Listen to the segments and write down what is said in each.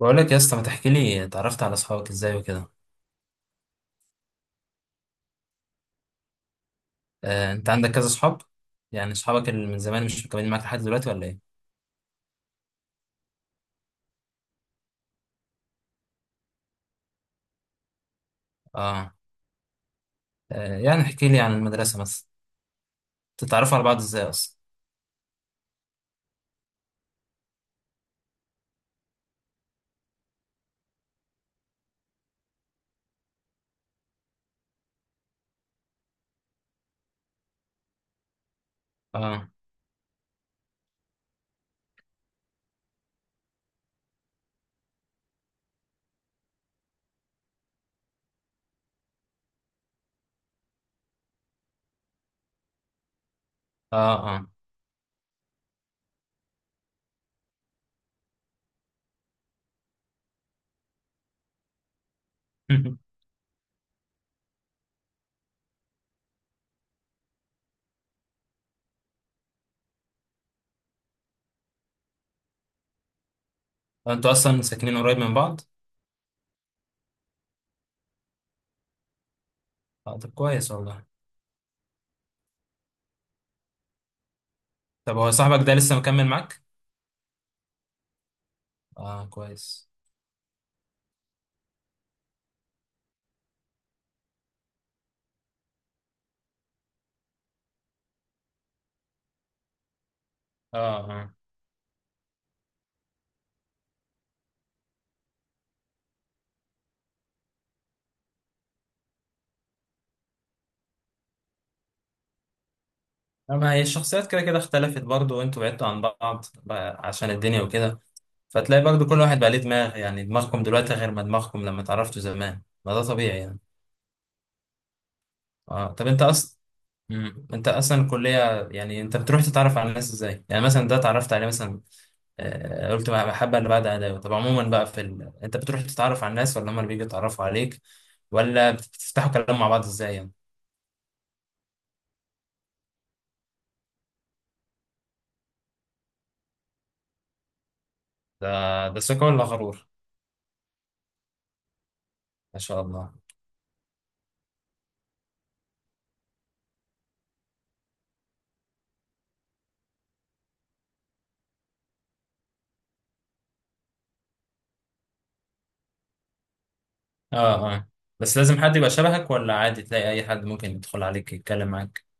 بقول لك يا اسطى، ما تحكي لي اتعرفت على اصحابك ازاي وكده. انت عندك كذا اصحاب. يعني اصحابك اللي من زمان مش مكملين معاك لحد دلوقتي ولا ايه؟ اه. يعني احكي لي عن المدرسه مثلا. تتعرفوا على بعض ازاي اصلا؟ اه، اه، اه. انتوا اصلا ساكنين قريب من بعض؟ اه، طب كويس والله. طب هو صاحبك ده لسه مكمل معاك؟ اه كويس. اه اه. ما هي الشخصيات كده كده اختلفت برضو، وانتوا بعدتوا عن بعض بقى عشان الدنيا وكده. فتلاقي برضو كل واحد بقى ليه دماغ، يعني دماغكم دلوقتي غير ما دماغكم لما اتعرفتوا زمان، ما ده طبيعي يعني. اه طب. انت اصلا الكليه، يعني انت بتروح تتعرف على الناس ازاي؟ يعني مثلا ده اتعرفت عليه مثلا. قلت بحب اللي بعد اداء، طب عموما بقى في انت بتروح تتعرف على الناس ولا هم اللي بيجوا يتعرفوا عليك؟ ولا بتفتحوا كلام مع بعض ازاي يعني؟ ده ده ثقه ولا غرور؟ ما شاء الله. اه اه. بس لازم حد يبقى شبهك، ولا عادي تلاقي اي حد ممكن يدخل عليك يتكلم معاك؟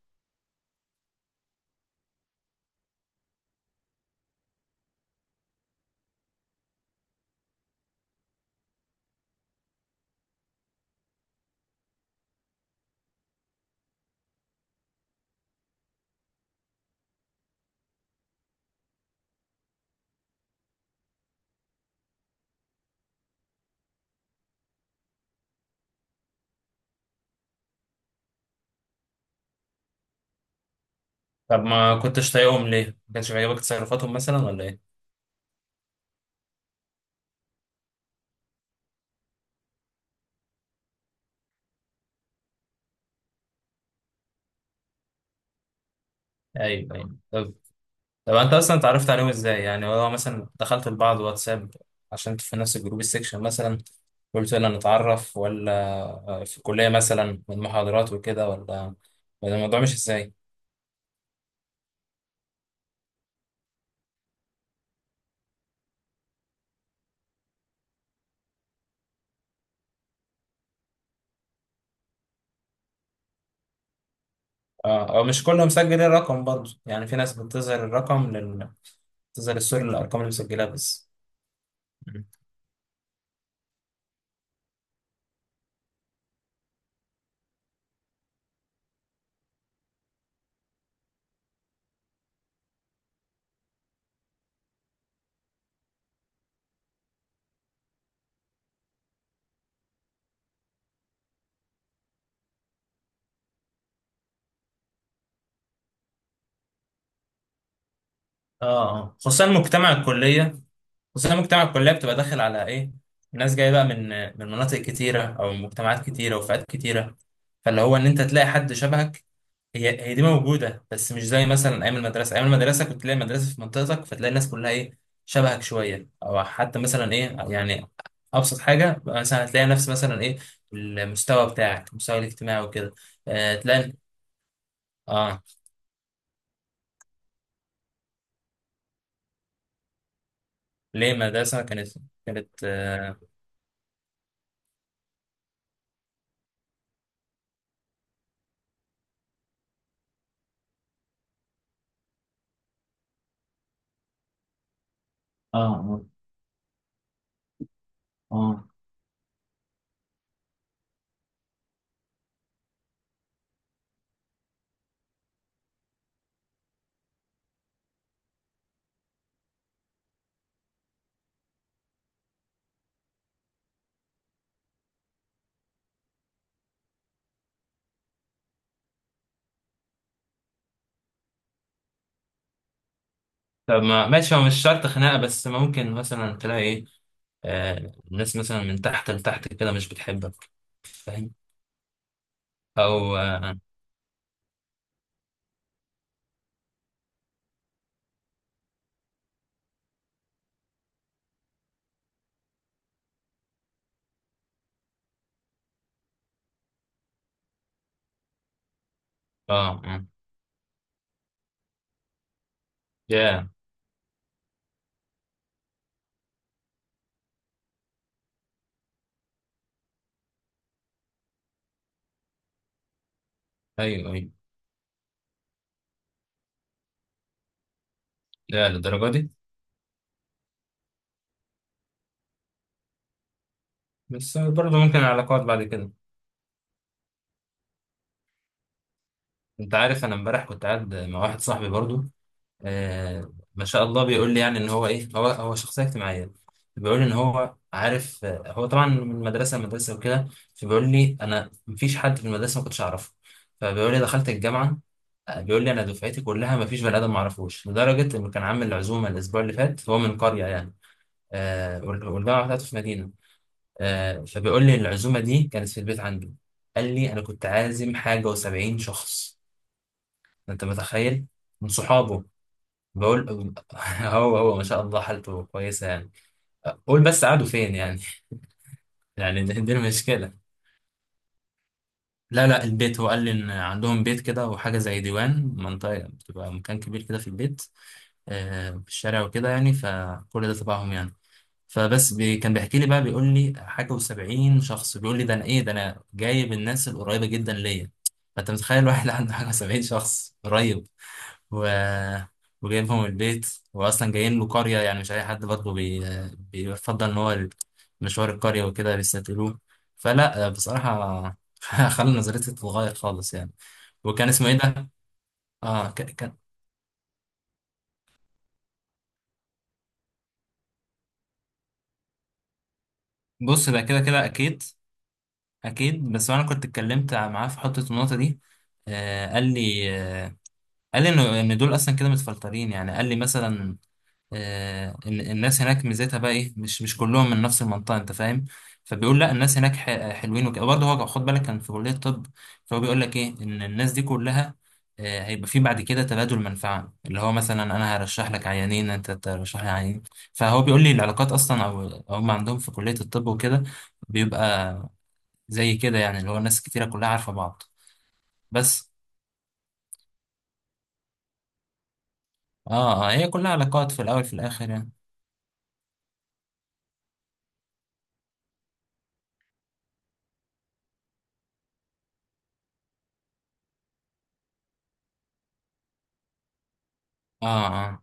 طب ما كنتش طايقهم ليه؟ ما كانش بيعجبك تصرفاتهم مثلا ولا ايه؟ ايوه ايوه طب. طب انت اصلا اتعرفت عليهم ازاي؟ يعني هو مثلا دخلتوا لبعض واتساب عشان انتوا في نفس الجروب السكشن مثلا؟ قلت يلا نتعرف ولا؟ في الكلية مثلا من محاضرات وكده، ولا الموضوع مش ازاي؟ اه، أو مش كلهم مسجلين الرقم برضه، يعني في ناس بتظهر الرقم بتظهر الصورة للأرقام اللي مسجلها بس. اه اه، خصوصا مجتمع الكلية. بس انا مجتمع الكليه بتبقى داخل على ايه؟ ناس جايه بقى من مناطق كتيره، او من مجتمعات كتيره وفئات كتيره. فاللي هو ان انت تلاقي حد شبهك، هي دي موجوده، بس مش زي مثلا ايام المدرسه كنت تلاقي مدرسه في منطقتك، فتلاقي الناس كلها ايه، شبهك شويه، او حتى مثلا ايه يعني. ابسط حاجه مثلا هتلاقي نفس مثلا ايه، المستوى بتاعك، المستوى الاجتماعي وكده. تلاقي. اه. ليه المدرسه كانت؟ كانت اه اه. طب ما ماشي، هو مش شرط خناقة، بس ممكن مثلا تلاقي ايه، الناس مثلا من تحت لتحت كده مش بتحبك. فاهم؟ او اه. آه، آه. يا. ايوه ايوه. لا للدرجة دي. بس برضه ممكن العلاقات بعد كده. انت عارف انا امبارح كنت قاعد مع واحد صاحبي برضه. ما شاء الله، بيقول لي يعني ان هو ايه، هو شخصية اجتماعية. بيقول لي ان هو عارف، هو طبعا من مدرسة لمدرسة وكده. فبيقول لي انا مفيش حد في المدرسة ما كنتش اعرفه. فبيقول لي دخلت الجامعة. بيقول لي انا دفعتي كلها ما فيش بني ادم ما اعرفوش، لدرجه انه كان عامل عزومه الاسبوع اللي فات. هو من قريه يعني، والجامعه بتاعته في مدينه. فبيقول لي العزومه دي كانت في البيت عنده. قال لي انا كنت عازم حاجه و70 شخص. انت متخيل؟ من صحابه. بقول هو ما شاء الله حالته كويسه يعني. قول بس قعدوا فين يعني. يعني دي المشكله. لا لا، البيت. هو قال لي ان عندهم بيت كده، وحاجه زي ديوان منطقه بتبقى مكان كبير كده في البيت. في الشارع وكده يعني، فكل ده تبعهم يعني. فبس كان بيحكي لي بقى، بيقول لي حاجة وسبعين شخص. بيقول لي ده أنا إيه ده، أنا جايب الناس القريبة جدا ليا. فأنت متخيل واحد عنده حاجة وسبعين شخص قريب، و... وجايبهم البيت. وأصلا جايين له قرية، يعني مش أي حد برضه بيفضل إن هو مشوار القرية وكده بيستقبلوه. فلا بصراحة خلى نظرتي تتغير خالص يعني. وكان اسمه إيه ده؟ كان. بص بقى كده كده أكيد. اكيد، بس انا كنت اتكلمت معاه في حته النقطه دي. قال لي آه، قال لي انه ان دول اصلا كده متفلترين يعني. قال لي مثلا ان الناس هناك ميزتها بقى ايه، مش كلهم من نفس المنطقه، انت فاهم. فبيقول لا، الناس هناك حلوين وكده برضه. هو خد بالك كان في كليه طب. فهو بيقول لك ايه، ان الناس دي كلها هيبقى في بعد كده تبادل منفعة، اللي هو مثلا انا هرشح لك عيانين، انت ترشح لي عيانين. فهو بيقول لي العلاقات اصلا، او هم عندهم في كلية الطب وكده، بيبقى زي كده يعني، اللي هو ناس كتيرة كلها عارفة بعض. بس اه اه، هي كلها علاقات في الأول في الآخر يعني. اه اه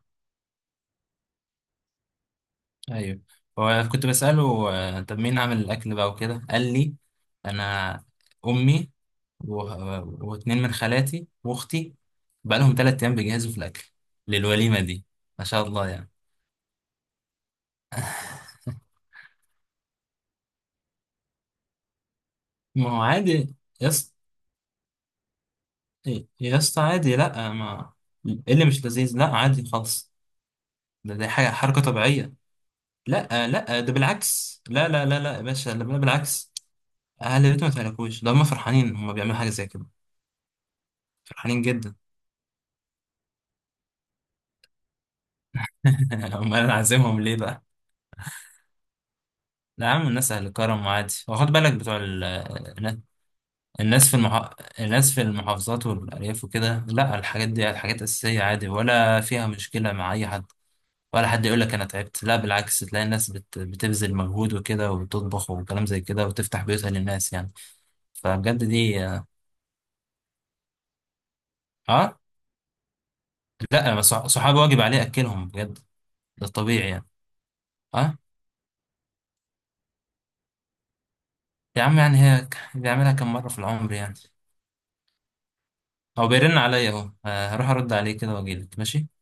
أيوه. هو كنت بسأله طب مين عامل الأكل بقى وكده. قال لي أنا، أمي، و... واتنين من خالاتي وأختي. بقى لهم 3 أيام بيجهزوا في الأكل للوليمة دي. ما شاء الله يعني. ما هو عادي يا اسطى. يا اسطى عادي، لأ، ما إيه اللي مش لذيذ، لأ عادي خالص. دي حاجة، حركة طبيعية. لا لا ده بالعكس، لا لا لا لا يا باشا، لا لا، بالعكس. اهل البيت ما تهلكوش، ده هم فرحانين، هم بيعملوا حاجه زي كده. فرحانين جدا. امال انا عازمهم ليه بقى. لا يا عم، الناس اهل كرم، وعادي، وخد بالك بتوع الناس في المح... الناس في المحافظات والارياف وكده. لا الحاجات دي حاجات اساسيه عادي، ولا فيها مشكله مع اي حد. ولا حد يقول لك انا تعبت، لا بالعكس تلاقي الناس بتبذل مجهود وكده، وبتطبخ، وكلام زي كده، وتفتح بيوتها للناس يعني. فبجد دي. اه. لا أنا صحابي واجب عليه اكلهم بجد. ده طبيعي يعني. اه. يا عم يعني، هي بيعملها كم مره في العمر يعني. هو بيرن عليا اهو، هروح ارد عليه كده واجيلك ماشي.